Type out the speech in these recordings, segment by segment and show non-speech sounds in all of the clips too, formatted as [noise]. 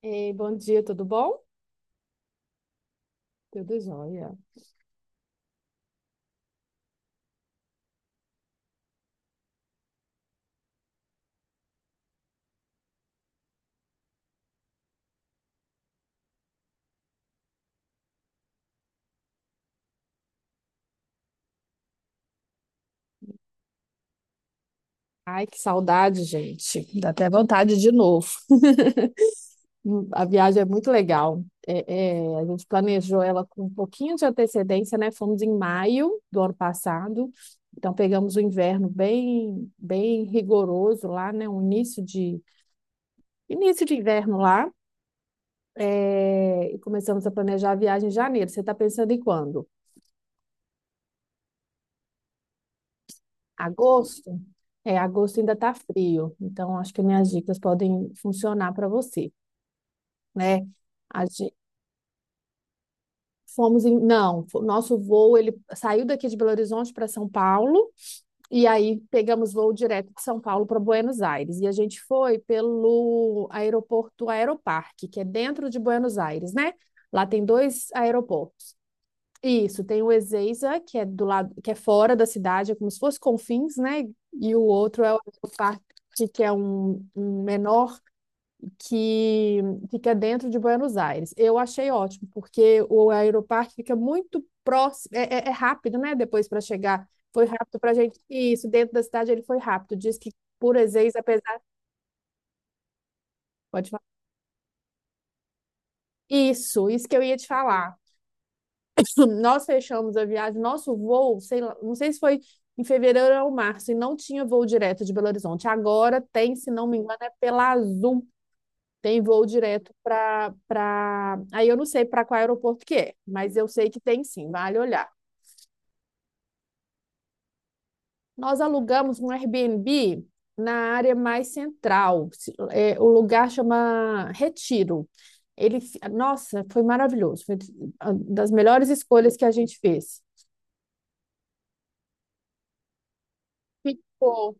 Ei, bom dia, tudo bom? Tudo jóia. Ai, que saudade, gente. Dá até vontade de novo. A viagem é muito legal. É, a gente planejou ela com um pouquinho de antecedência, né? Fomos em maio do ano passado, então pegamos o inverno bem, bem rigoroso lá, né? Um início de inverno lá. É, e começamos a planejar a viagem em janeiro. Você está pensando em quando? Agosto? É, agosto ainda está frio, então acho que minhas dicas podem funcionar para você, né? A gente, fomos em, não, o nosso voo ele saiu daqui de Belo Horizonte para São Paulo e aí pegamos voo direto de São Paulo para Buenos Aires e a gente foi pelo aeroporto Aeroparque, que é dentro de Buenos Aires, né? Lá tem dois aeroportos. Isso, tem o Ezeiza, que é do lado, que é fora da cidade, é como se fosse Confins, né? E o outro é o Parque, que é um menor que fica dentro de Buenos Aires. Eu achei ótimo, porque o Aeroparque fica muito próximo, é rápido, né? Depois para chegar, foi rápido para a gente. Isso, dentro da cidade ele foi rápido. Diz que por Ezeiza, apesar. Pode falar. Isso que eu ia te falar. [laughs] Nós fechamos a viagem, nosso voo, sei lá, não sei se foi em fevereiro ou março, e não tinha voo direto de Belo Horizonte. Agora tem, se não me engano, é pela Azul. Tem voo direto para aí eu não sei para qual aeroporto que é, mas eu sei que tem sim, vale olhar. Nós alugamos um Airbnb na área mais central. É, o lugar chama Retiro. Ele, nossa, foi maravilhoso, foi uma das melhores escolhas que a gente fez. Ficou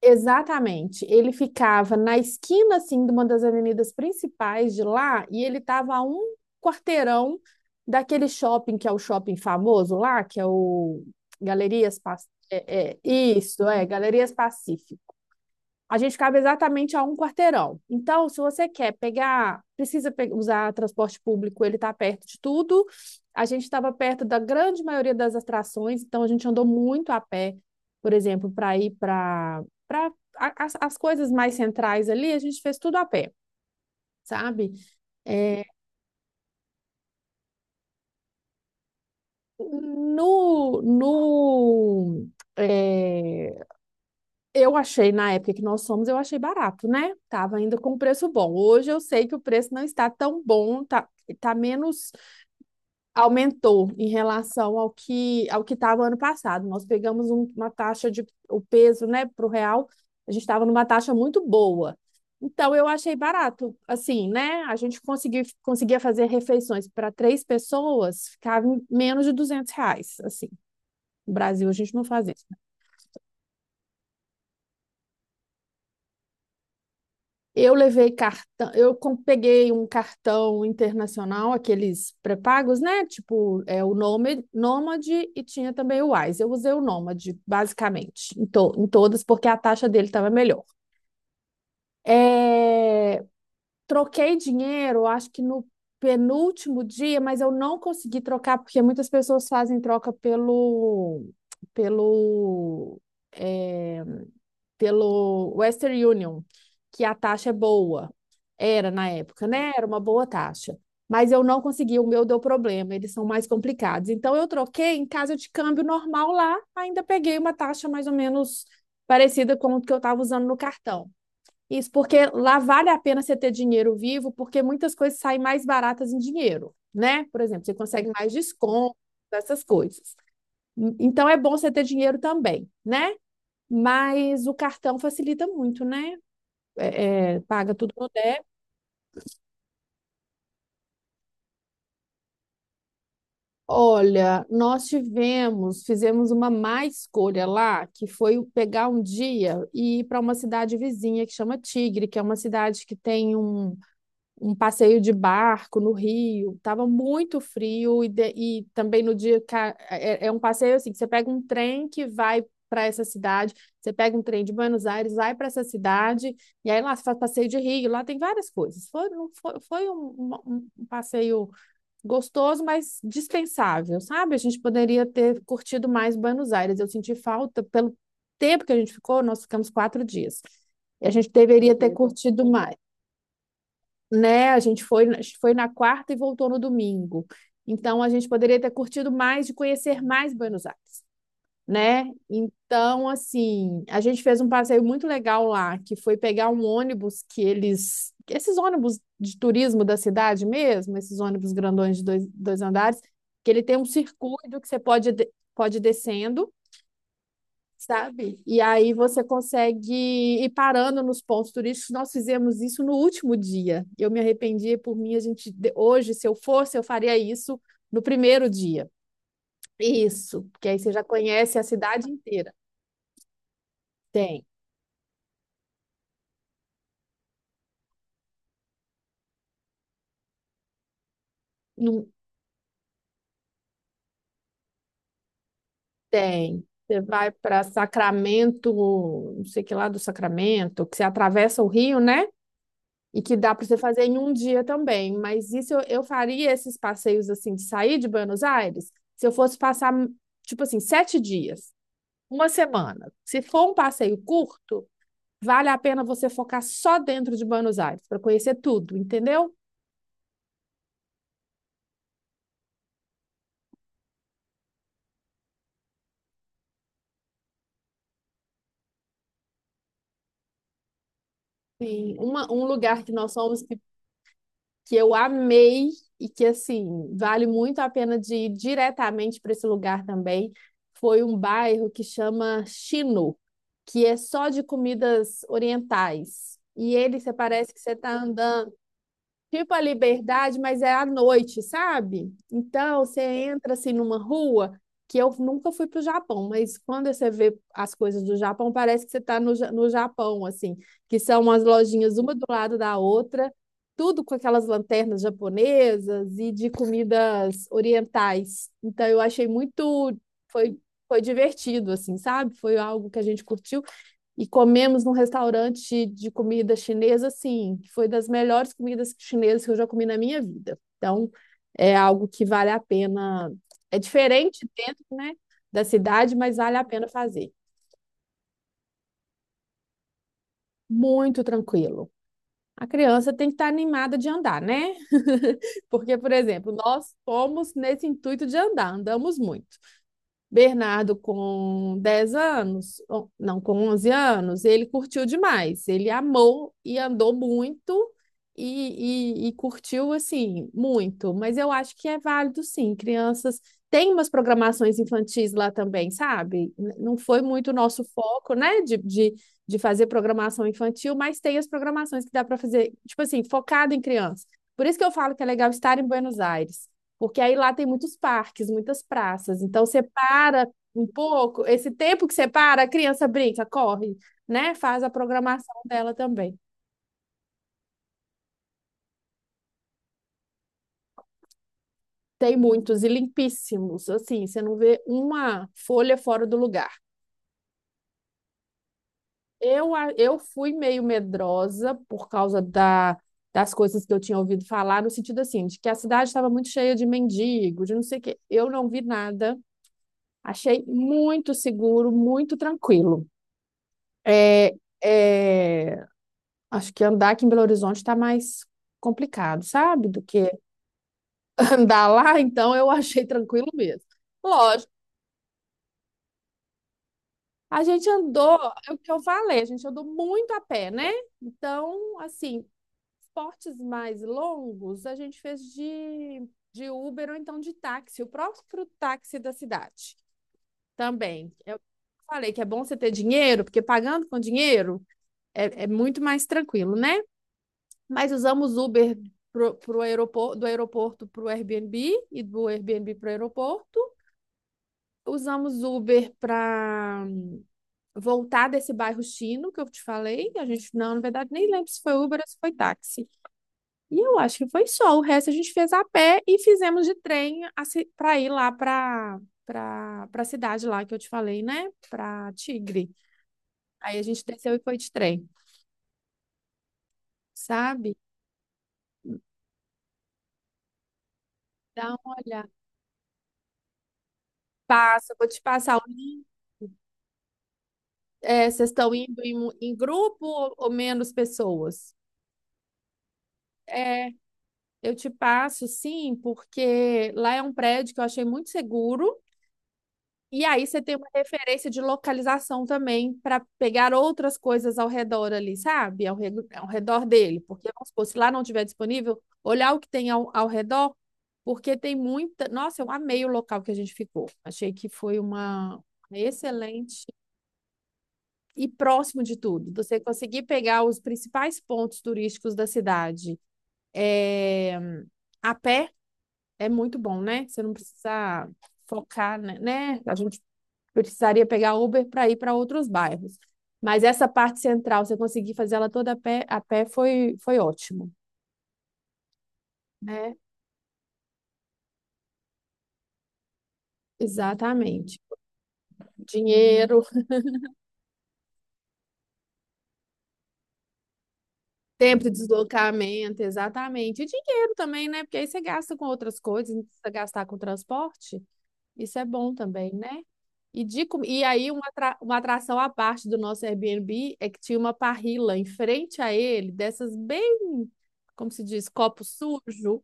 exatamente. Ele ficava na esquina assim de uma das avenidas principais de lá e ele estava a um quarteirão daquele shopping que é o shopping famoso lá, que é o Galerias Pac... Isso, Galerias Pacífico. A gente cabe exatamente a um quarteirão. Então, se você quer pegar, precisa usar transporte público, ele está perto de tudo. A gente estava perto da grande maioria das atrações, então a gente andou muito a pé, por exemplo, para ir para as, as coisas mais centrais ali, a gente fez tudo a pé, sabe? É, no no é, Eu achei, na época que nós fomos, eu achei barato, né? Tava ainda com preço bom. Hoje eu sei que o preço não está tão bom, tá, tá menos, aumentou em relação ao que estava ano passado. Nós pegamos uma taxa de o peso, né, pro real, a gente estava numa taxa muito boa. Então eu achei barato, assim, né? A gente conseguiu, conseguia fazer refeições para três pessoas, ficava em menos de R$ 200, assim. No Brasil a gente não faz isso. Eu levei cartão, eu peguei um cartão internacional, aqueles pré-pagos, né? Tipo, é o Nômade e tinha também o Wise. Eu usei o Nômade, basicamente, em todas, porque a taxa dele estava melhor. É, troquei dinheiro, acho que no penúltimo dia, mas eu não consegui trocar, porque muitas pessoas fazem troca pelo, pelo, é, pelo Western Union, que a taxa é boa. Era na época, né? Era uma boa taxa. Mas eu não consegui, o meu deu problema, eles são mais complicados. Então eu troquei em casa de câmbio normal lá, ainda peguei uma taxa mais ou menos parecida com o que eu estava usando no cartão. Isso porque lá vale a pena você ter dinheiro vivo, porque muitas coisas saem mais baratas em dinheiro, né? Por exemplo, você consegue mais desconto, essas coisas. Então é bom você ter dinheiro também, né? Mas o cartão facilita muito, né? É, paga tudo no débito. Olha, nós tivemos, fizemos uma má escolha lá, que foi o pegar um dia e ir para uma cidade vizinha que chama Tigre, que é uma cidade que tem um passeio de barco no Rio, estava muito frio e, e também no dia é um passeio assim, que você pega um trem que vai para essa cidade, você pega um trem de Buenos Aires, vai para essa cidade e aí lá você faz passeio de Rio, lá tem várias coisas. Foi, não foi, foi um passeio gostoso, mas dispensável, sabe? A gente poderia ter curtido mais Buenos Aires. Eu senti falta pelo tempo que a gente ficou, nós ficamos 4 dias. E a gente deveria ter curtido mais, né? A gente foi, foi na quarta e voltou no domingo. Então, a gente poderia ter curtido mais de conhecer mais Buenos Aires, né? Então, assim, a gente fez um passeio muito legal lá, que foi pegar um ônibus que eles. Esses ônibus de turismo da cidade mesmo, esses ônibus grandões de dois andares, que ele tem um circuito que você pode ir descendo, sabe? E aí você consegue ir parando nos pontos turísticos. Nós fizemos isso no último dia. Eu me arrependi por mim, a gente hoje, se eu fosse, eu faria isso no primeiro dia. Isso, porque aí você já conhece a cidade inteira. Tem, não tem. Você vai para Sacramento, não sei que lá do Sacramento, que você atravessa o rio, né? E que dá para você fazer em um dia também. Mas isso eu faria esses passeios assim de sair de Buenos Aires se eu fosse passar, tipo assim, 7 dias, uma semana. Se for um passeio curto, vale a pena você focar só dentro de Buenos Aires para conhecer tudo, entendeu? Sim, um lugar que nós fomos que eu amei e que, assim, vale muito a pena de ir diretamente para esse lugar também. Foi um bairro que chama Chino, que é só de comidas orientais. E ele, você parece que você está andando. Tipo a Liberdade, mas é à noite, sabe? Então, você entra assim numa rua que eu nunca fui para o Japão, mas quando você vê as coisas do Japão, parece que você está no Japão, assim, que são as lojinhas uma do lado da outra, tudo com aquelas lanternas japonesas e de comidas orientais. Então, eu achei muito, foi, foi divertido, assim, sabe? Foi algo que a gente curtiu e comemos num restaurante de comida chinesa, assim, que foi das melhores comidas chinesas que eu já comi na minha vida. Então, é algo que vale a pena. É diferente dentro, né, da cidade, mas vale a pena fazer. Muito tranquilo. A criança tem que estar animada de andar, né? [laughs] Porque, por exemplo, nós fomos nesse intuito de andar, andamos muito. Bernardo, com 10 anos, não, com 11 anos, ele curtiu demais. Ele amou e andou muito e, e curtiu, assim, muito. Mas eu acho que é válido, sim. Crianças têm umas programações infantis lá também, sabe? Não foi muito o nosso foco, né, de fazer programação infantil, mas tem as programações que dá para fazer, tipo assim, focado em criança. Por isso que eu falo que é legal estar em Buenos Aires. Porque aí lá tem muitos parques, muitas praças. Então você para um pouco, esse tempo que você para, a criança brinca, corre, né? Faz a programação dela também. Tem muitos e limpíssimos, assim, você não vê uma folha fora do lugar. Eu, eu fui meio medrosa por causa da, das coisas que eu tinha ouvido falar, no sentido assim, de que a cidade estava muito cheia de mendigo, de não sei o quê. Eu não vi nada, achei muito seguro, muito tranquilo. É, é, acho que andar aqui em Belo Horizonte está mais complicado, sabe? Do que [laughs] andar lá, então eu achei tranquilo mesmo. Lógico, a gente andou, é o que eu falei, a gente andou muito a pé, né? Então, assim, esportes mais longos a gente fez de Uber ou então de táxi, o próprio táxi da cidade também. Eu falei que é bom você ter dinheiro, porque pagando com dinheiro é muito mais tranquilo, né? Mas usamos Uber pro aeroporto, do aeroporto para o Airbnb e do Airbnb para o aeroporto. Usamos Uber para voltar desse bairro chino que eu te falei. A gente, não, na verdade, nem lembro se foi Uber ou se foi táxi. E eu acho que foi só. O resto a gente fez a pé e fizemos de trem para ir lá para a cidade lá que eu te falei, né? Para Tigre. Aí a gente desceu e foi de trem, sabe? Dá uma olhada. Passa, vou te passar o link. É, vocês estão indo em, um, em grupo ou menos pessoas? É, eu te passo, sim, porque lá é um prédio que eu achei muito seguro. E aí você tem uma referência de localização também para pegar outras coisas ao redor ali, sabe? Ao redor dele. Porque, vamos supor, se lá não tiver disponível, olhar o que tem ao redor, porque tem muita. Nossa, eu amei o local que a gente ficou. Achei que foi uma excelente e próximo de tudo. Você conseguir pegar os principais pontos turísticos da cidade, é, a pé é muito bom, né? Você não precisa focar, né? A gente precisaria pegar Uber para ir para outros bairros. Mas essa parte central, você conseguir fazer ela toda a pé foi, foi ótimo, né? Exatamente. Dinheiro, tempo de deslocamento, exatamente. E dinheiro também, né? Porque aí você gasta com outras coisas, não precisa gastar com transporte. Isso é bom também, né? E aí, uma atração à parte do nosso Airbnb é que tinha uma parrilla em frente a ele, dessas bem, como se diz, copo sujo,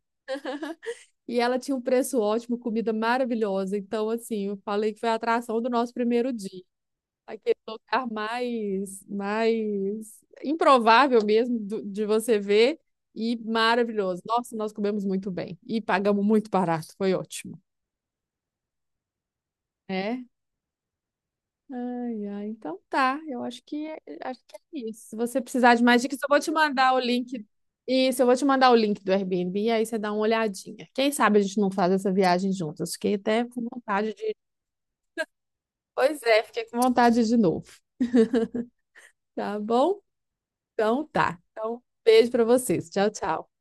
e ela tinha um preço ótimo, comida maravilhosa. Então, assim, eu falei que foi a atração do nosso primeiro dia. Aquele lugar mais, mais improvável mesmo de você ver e maravilhoso. Nossa, nós comemos muito bem e pagamos muito barato, foi ótimo. é Ai, ai, então tá. Eu acho que é isso. Se você precisar de mais dicas, eu vou te mandar o link. Isso, eu vou te mandar o link do Airbnb, aí você dá uma olhadinha. Quem sabe a gente não faz essa viagem juntas. Fiquei até com vontade de. Pois é, fiquei com vontade de novo. Tá bom? Então tá. Então, beijo pra vocês. Tchau, tchau.